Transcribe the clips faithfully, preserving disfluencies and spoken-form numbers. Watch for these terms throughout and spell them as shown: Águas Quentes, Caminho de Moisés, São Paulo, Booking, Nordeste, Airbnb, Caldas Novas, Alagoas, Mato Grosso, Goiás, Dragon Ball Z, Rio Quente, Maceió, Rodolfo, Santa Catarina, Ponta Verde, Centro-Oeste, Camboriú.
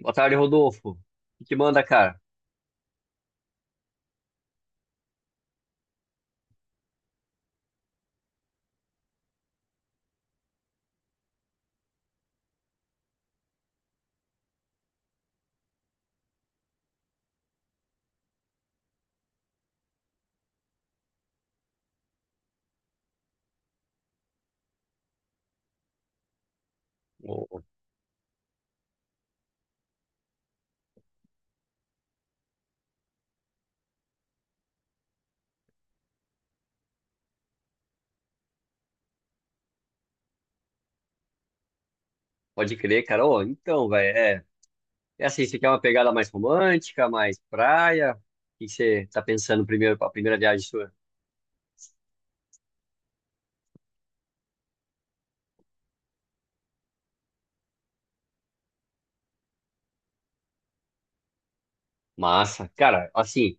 Boa tarde, Rodolfo. O que que manda, cara? Ô, pode crer, cara. Ô, então, velho, é, é assim, você quer uma pegada mais romântica, mais praia? O que que você tá pensando primeiro para a primeira viagem sua? Massa. Cara, assim,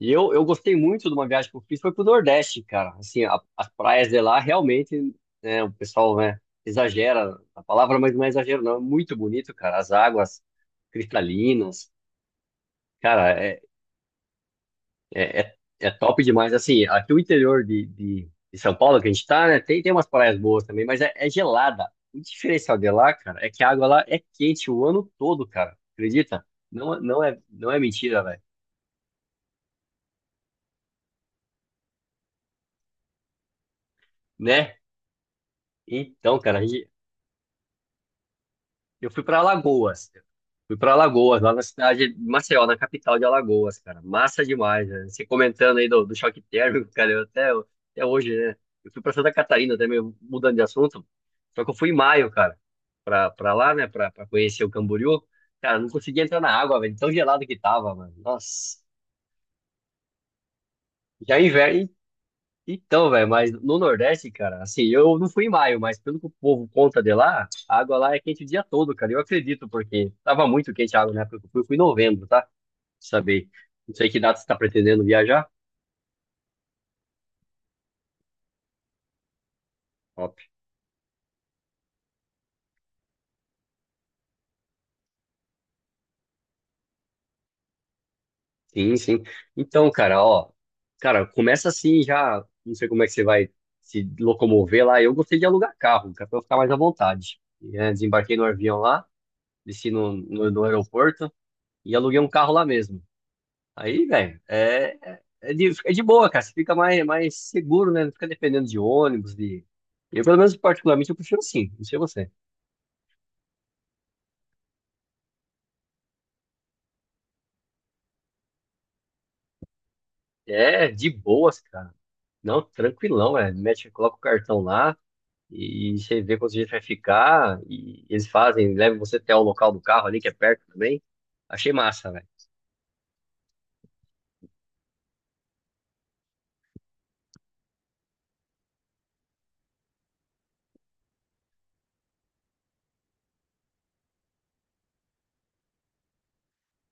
eu, eu gostei muito de uma viagem que eu fiz, foi pro Nordeste, cara. Assim, a- as praias de lá, realmente, né, o pessoal, né, exagera a palavra, mas não é exagero, não. É muito bonito, cara. As águas cristalinas. Cara, é, É, é, é top demais. Assim, aqui o interior de, de, de São Paulo que a gente tá, né? Tem, tem umas praias boas também, mas é, é gelada. O diferencial de lá, cara, é que a água lá é quente o ano todo, cara. Acredita? Não, não é, não é mentira, velho. Né? Então, cara, eu fui para Alagoas. Fui para Alagoas, lá na cidade de Maceió, na capital de Alagoas, cara. Massa demais, né? Você comentando aí do, do choque térmico, cara, eu até, até hoje, né? Eu fui para Santa Catarina também, mudando de assunto. Só que eu fui em maio, cara, pra, pra lá, né, pra, pra conhecer o Camboriú. Cara, não conseguia entrar na água, velho, tão gelado que tava, mano. Nossa. Já é inverno, então, velho, mas no Nordeste, cara, assim, eu não fui em maio, mas pelo que o povo conta de lá, a água lá é quente o dia todo, cara. Eu acredito, porque tava muito quente a água na época que eu fui. Eu fui em novembro, tá? Pra saber. Não sei que data você tá pretendendo viajar. Top. Sim, sim. Então, cara, ó, cara, começa assim já. Não sei como é que você vai se locomover lá. Eu gostei de alugar carro, cara, pra eu ficar mais à vontade. E, é, desembarquei no avião lá, desci no, no no aeroporto e aluguei um carro lá mesmo. Aí, velho, é, é, é de, é de boa, cara. Você fica mais, mais seguro, né? Não fica dependendo de ônibus, de. Eu, pelo menos, particularmente, eu prefiro assim, não sei você. É de boas, cara. Não, tranquilão, velho. Mete, coloca o cartão lá e você vê quanto gente vai ficar. E eles fazem, levam você até o local do carro ali, que é perto também. Achei massa, velho.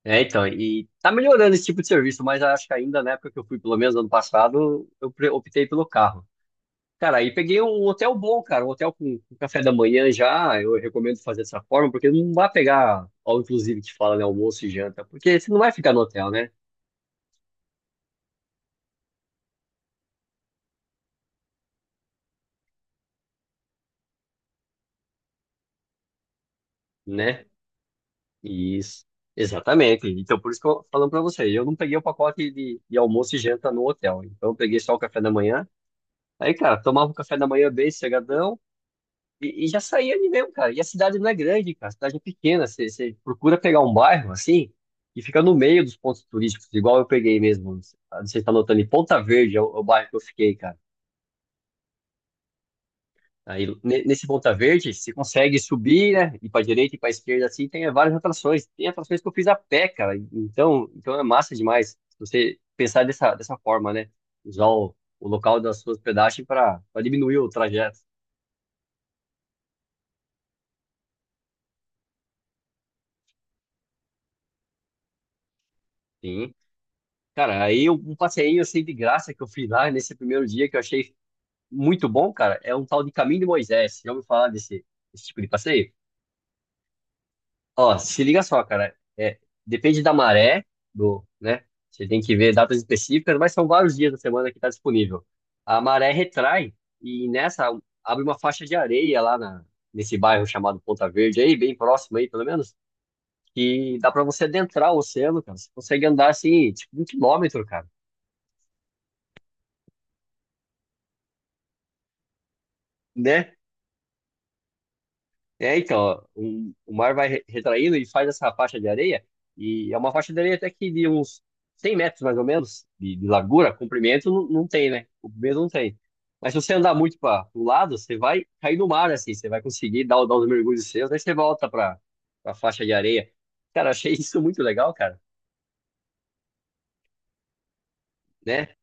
É, então, e tá melhorando esse tipo de serviço, mas acho que ainda na época que eu fui, pelo menos ano passado, eu pre- optei pelo carro. Cara, aí peguei um hotel bom, cara, um hotel com, com café da manhã já. Eu recomendo fazer dessa forma, porque não vai pegar, ao inclusive, que fala, né, almoço e janta, porque você não vai ficar no hotel, né? Né? Isso. Exatamente. Então, por isso que eu falando pra você, eu não peguei o pacote de, de almoço e janta no hotel. Então, eu peguei só o café da manhã. Aí, cara, tomava o café da manhã bem sossegadão. E, e já saía ali mesmo, cara. E a cidade não é grande, cara. A cidade é pequena. Você você procura pegar um bairro assim e fica no meio dos pontos turísticos, igual eu peguei mesmo. Não sei não sei se tá notando, em Ponta Verde é o, é o bairro que eu fiquei, cara. Aí, ne- nesse Ponta Verde, você consegue subir, né? Ir pra direita e pra esquerda, assim, tem várias atrações. Tem atrações que eu fiz a pé, cara. Então, então é massa demais. Se você pensar dessa, dessa forma, né? Usar o, o local da sua hospedagem para diminuir o trajeto. Sim. Cara, aí eu- um passeio assim de graça que eu fiz lá nesse primeiro dia que eu achei muito bom, cara, é um tal de Caminho de Moisés. Já ouviu falar desse, desse tipo de passeio? Ó, se liga só, cara, é, depende da maré, do, né? Você tem que ver datas específicas, mas são vários dias da semana que está disponível. A maré retrai e nessa abre uma faixa de areia lá na, nesse bairro chamado Ponta Verde, aí bem próximo aí, pelo menos, que dá para você adentrar o oceano, cara. Você consegue andar assim, tipo, um quilômetro, cara, né? É, então, ó, o, o mar vai re- retraindo e faz essa faixa de areia, e é uma faixa de areia até que de uns cem metros, mais ou menos, de, de largura, comprimento não, não tem, né? Comprimento não tem. Mas se você andar muito para o lado, você vai cair no mar, assim, você vai conseguir dar, o- dar os mergulhos seus, aí você volta para a faixa de areia. Cara, achei isso muito legal, cara, né?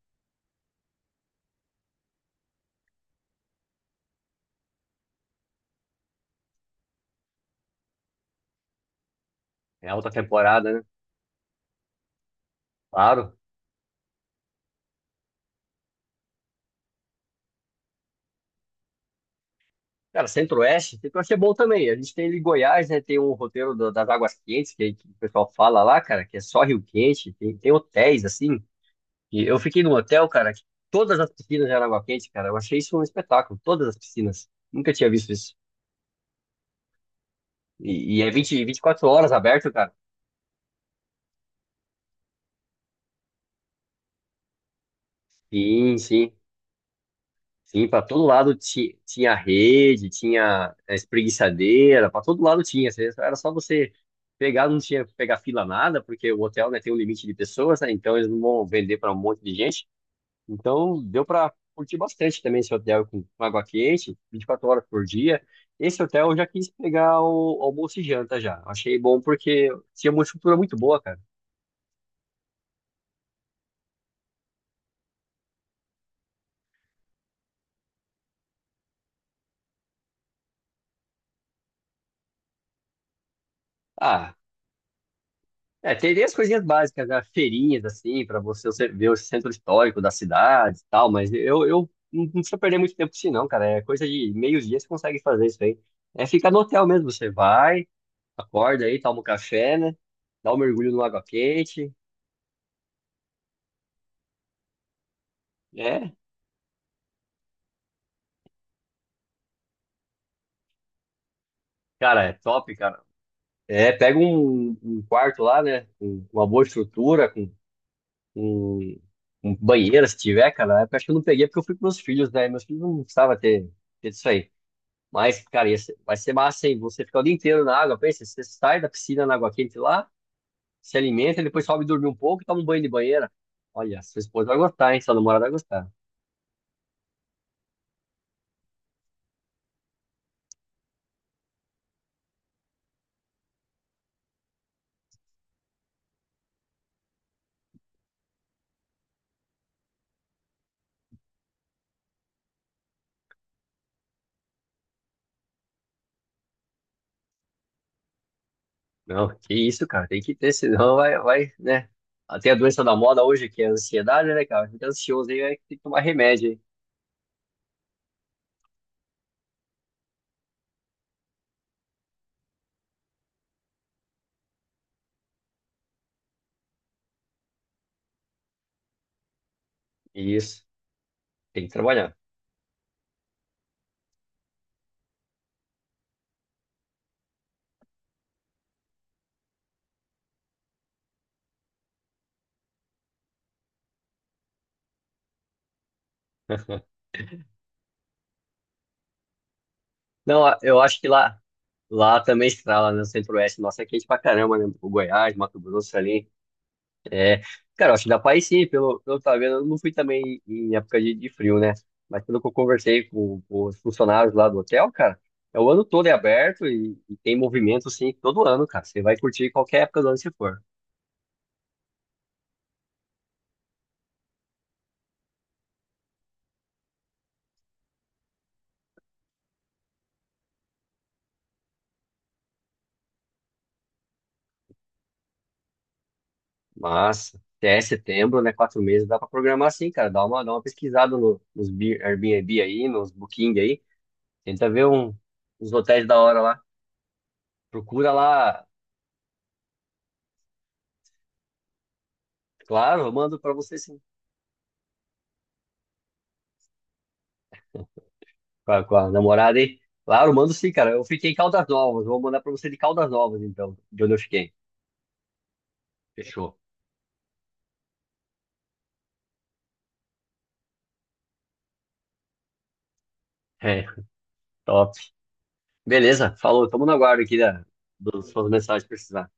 É alta temporada, né? Claro. Cara, Centro-Oeste, Centro-Oeste é bom também. A gente tem ali Goiás, né? Tem um roteiro do- das Águas Quentes, que, que o pessoal fala lá, cara, que é só Rio Quente. Tem, tem hotéis, assim. E eu fiquei num hotel, cara, que todas as piscinas eram água quente, cara. Eu achei isso um espetáculo. Todas as piscinas. Nunca tinha visto isso. E, e é vinte, vinte e quatro horas aberto, cara. Sim, sim. Sim, para todo lado ti- tinha rede, tinha a espreguiçadeira, para todo lado tinha. Você- Era só você pegar, não tinha que pegar fila nada, porque o hotel, né, tem um limite de pessoas, né, então eles não vão vender para um monte de gente. Então deu para curtir bastante também esse hotel com com água quente, vinte e quatro horas por dia. Esse hotel eu já quis pegar o almoço e janta já. Achei bom porque tinha uma estrutura muito boa, cara. Ah, É, tem, tem as coisinhas básicas, né? Feirinhas, assim, para você você ver o centro histórico da cidade e tal, mas eu, eu não não precisa perder muito tempo com isso não, cara. É coisa de meio dia você consegue fazer isso aí. É ficar no hotel mesmo, você vai, acorda aí, toma um café, né? Dá um mergulho no água quente. É, cara, é top, cara. É, pega um, um quarto lá, né? Com com uma boa estrutura, com um, um banheiro, se tiver, cara. Na época, acho que eu não peguei porque eu fui com meus filhos, né? Meus filhos não precisavam ter, ter isso aí. Mas, cara, ia ser- vai ser massa, hein? Você ficar o dia inteiro na água, pensa, você sai da piscina na água quente lá, se alimenta, depois sobe dormir um pouco e toma um banho de banheira. Olha, sua esposa vai gostar, hein? Sua namorada vai gostar. Não, que isso, cara, tem que ter, senão vai, vai, né? Até a doença da moda hoje, que é a ansiedade, né, cara? Fica ansioso aí, aí tem que tomar remédio, hein? Isso, tem que trabalhar. Não, a- eu acho que lá, lá, também estrala, né? No Centro-Oeste, nossa, é quente pra caramba, né? O Goiás, Mato Grosso ali. É, cara, eu acho que dá pra ir sim, pelo, pelo que eu tava vendo, eu não fui também em época de, de frio, né? Mas pelo que eu conversei com, com os funcionários lá do hotel, cara, é o ano todo é aberto e, e tem movimento, sim, todo ano, cara. Você vai curtir qualquer época do ano que for. Mas, até setembro, né, quatro meses, dá pra programar sim, cara. Dá uma, dá uma pesquisada no, nos Bi- Airbnb aí, nos Booking aí. Tenta ver um, uns hotéis da hora lá. Procura lá, claro, eu mando pra você sim. com a, com a namorada, hein? Claro, mando sim, cara. Eu fiquei em Caldas Novas. Vou mandar pra você de Caldas Novas, então, de onde eu fiquei. Fechou. É, top. Beleza, falou. Tamo no aguardo aqui da, das suas mensagens que precisar.